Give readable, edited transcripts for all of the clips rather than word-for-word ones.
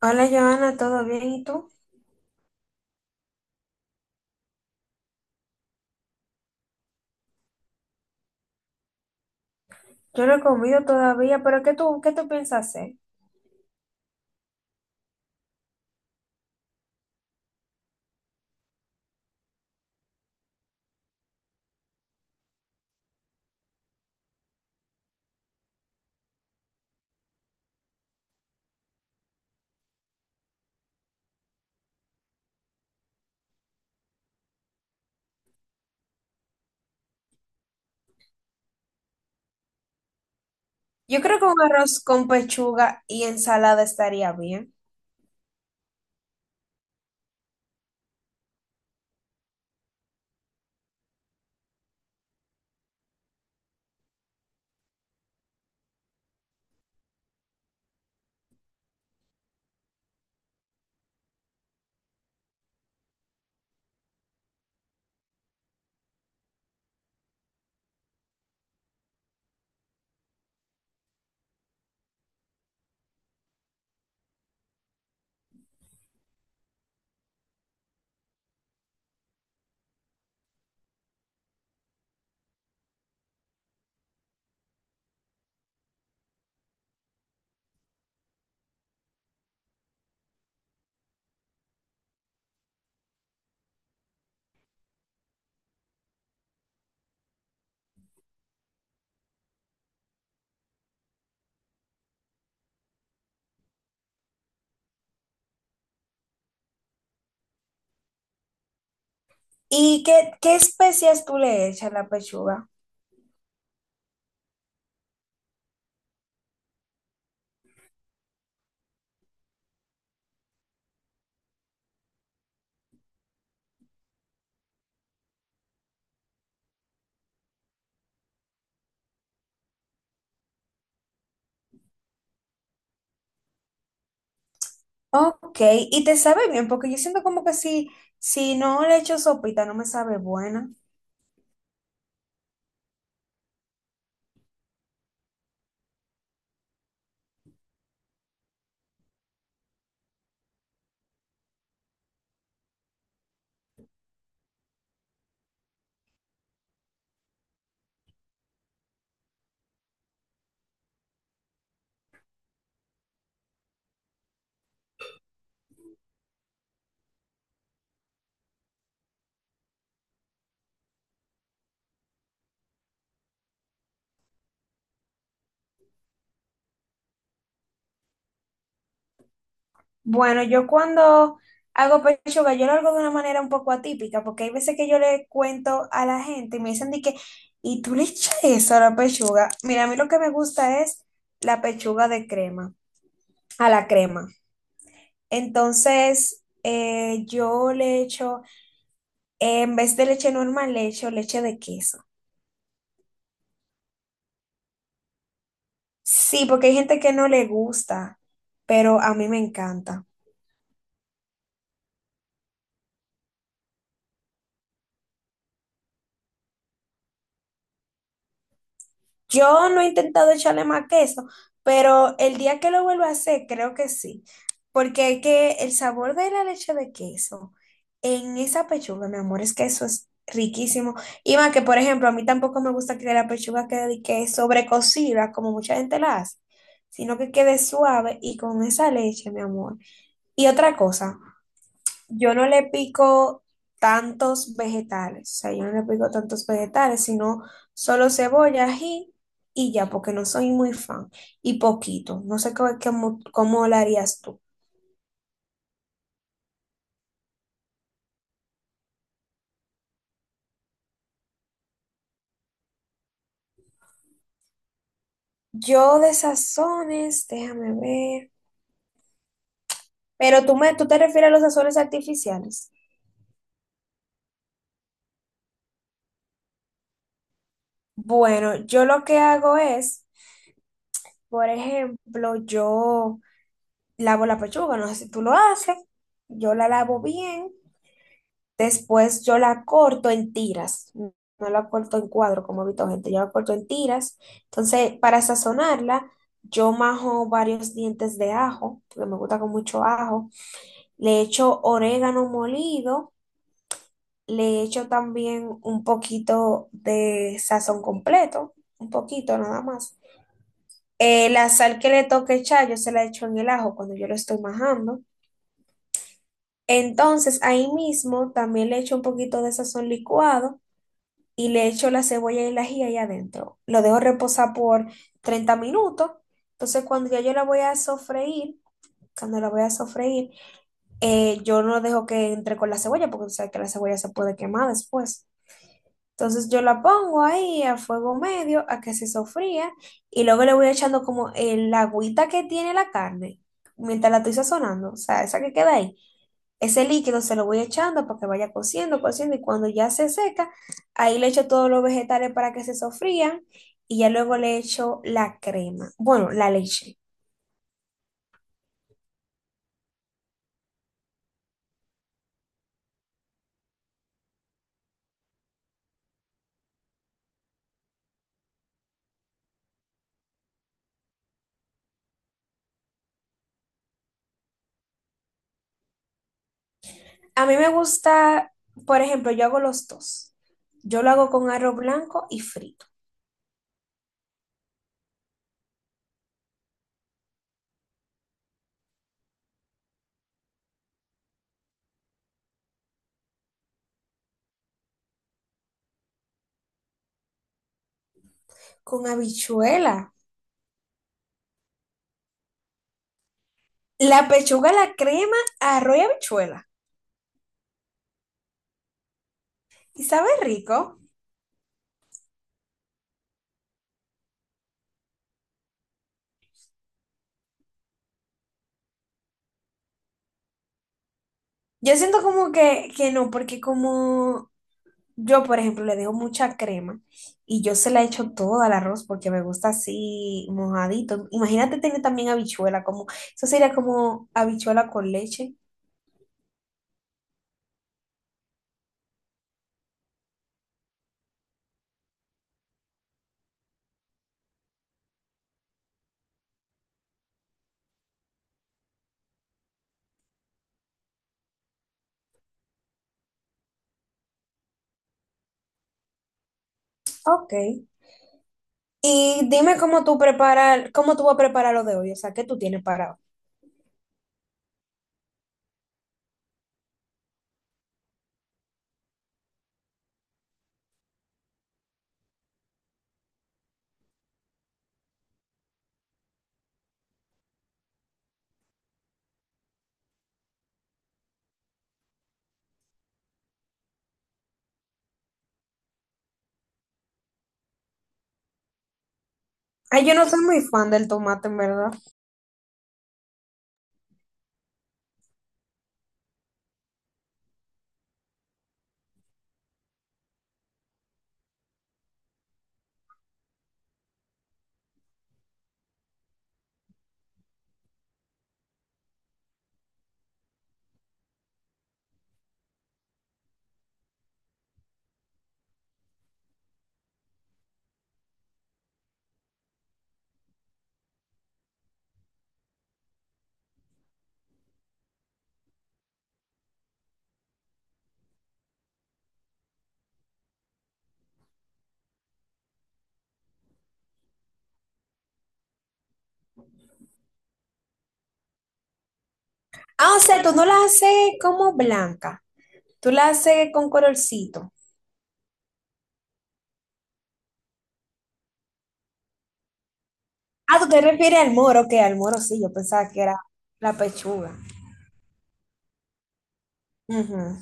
Hola, Joana, ¿todo bien? ¿Y tú? Yo no he comido todavía, pero ¿qué tú piensas hacer? Yo creo que un arroz con pechuga y ensalada estaría bien. ¿Y qué especias tú le echas a la pechuga? Ok, y te sabe bien, porque yo siento como que si no le echo sopita no me sabe buena. Bueno, yo cuando hago pechuga yo lo hago de una manera un poco atípica, porque hay veces que yo le cuento a la gente y me dicen de que, ¿y tú le echas eso a la pechuga? Mira, a mí lo que me gusta es la pechuga de crema, a la crema. Entonces, yo le echo, en vez de leche normal, le echo leche de queso. Sí, porque hay gente que no le gusta, pero a mí me encanta. Yo no he intentado echarle más queso, pero el día que lo vuelva a hacer, creo que sí. Porque es que el sabor de la leche de queso en esa pechuga, mi amor, es que eso es riquísimo. Y más que, por ejemplo, a mí tampoco me gusta que la pechuga quede que sobrecocida, como mucha gente la hace, sino que quede suave y con esa leche, mi amor. Y otra cosa, yo no le pico tantos vegetales, o sea, yo no le pico tantos vegetales, sino solo cebolla, ají y ya, porque no soy muy fan. Y poquito, no sé cómo lo harías tú. Yo de sazones, déjame ver. Pero tú te refieres a los sazones artificiales. Bueno, yo lo que hago es, por ejemplo, yo lavo la pechuga, no sé si tú lo haces, yo la lavo bien. Después yo la corto en tiras, no la corto en cuadro como he visto gente, yo la corto en tiras. Entonces, para sazonarla, yo majo varios dientes de ajo, porque me gusta con mucho ajo. Le echo orégano molido, le echo también un poquito de sazón completo, un poquito nada más. La sal que le toque echar, yo se la echo en el ajo cuando yo lo estoy majando. Entonces, ahí mismo también le echo un poquito de sazón licuado y le echo la cebolla y el ají ahí adentro. Lo dejo reposar por 30 minutos. Entonces, cuando ya yo la voy a sofreír, cuando la voy a sofreír, yo no dejo que entre con la cebolla, porque tú sabes que la cebolla se puede quemar después. Entonces yo la pongo ahí a fuego medio a que se sofría y luego le voy echando como el agüita que tiene la carne mientras la estoy sazonando, o sea, esa que queda ahí. Ese líquido se lo voy echando para que vaya cociendo, cociendo y cuando ya se seca, ahí le echo todos los vegetales para que se sofrían y ya luego le echo la crema, bueno, la leche. A mí me gusta, por ejemplo, yo hago los dos. Yo lo hago con arroz blanco y frito, con habichuela. La pechuga, la crema, arroz y habichuela. Y sabe rico. Yo siento como que no, porque como yo, por ejemplo, le dejo mucha crema y yo se la echo todo al arroz porque me gusta así mojadito. Imagínate tener también habichuela, como, eso sería como habichuela con leche. Ok. Y dime cómo tú preparas, cómo tú vas a preparar lo de hoy, o sea, ¿qué tú tienes para hoy? Ay, yo no soy muy fan del tomate, en verdad. Ah, o sea, tú no la haces como blanca, tú la haces con colorcito. Ah, tú te refieres al moro, que al moro sí, yo pensaba que era la pechuga. Ujú.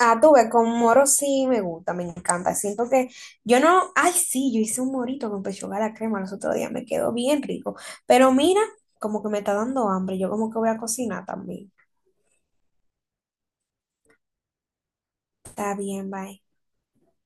Ah, tú ves, con moro sí me gusta, me encanta. Siento que yo no, ay, sí, yo hice un morito con pechuga a la crema los otros días, me quedó bien rico. Pero mira, como que me está dando hambre, yo como que voy a cocinar también. Está bien, bye.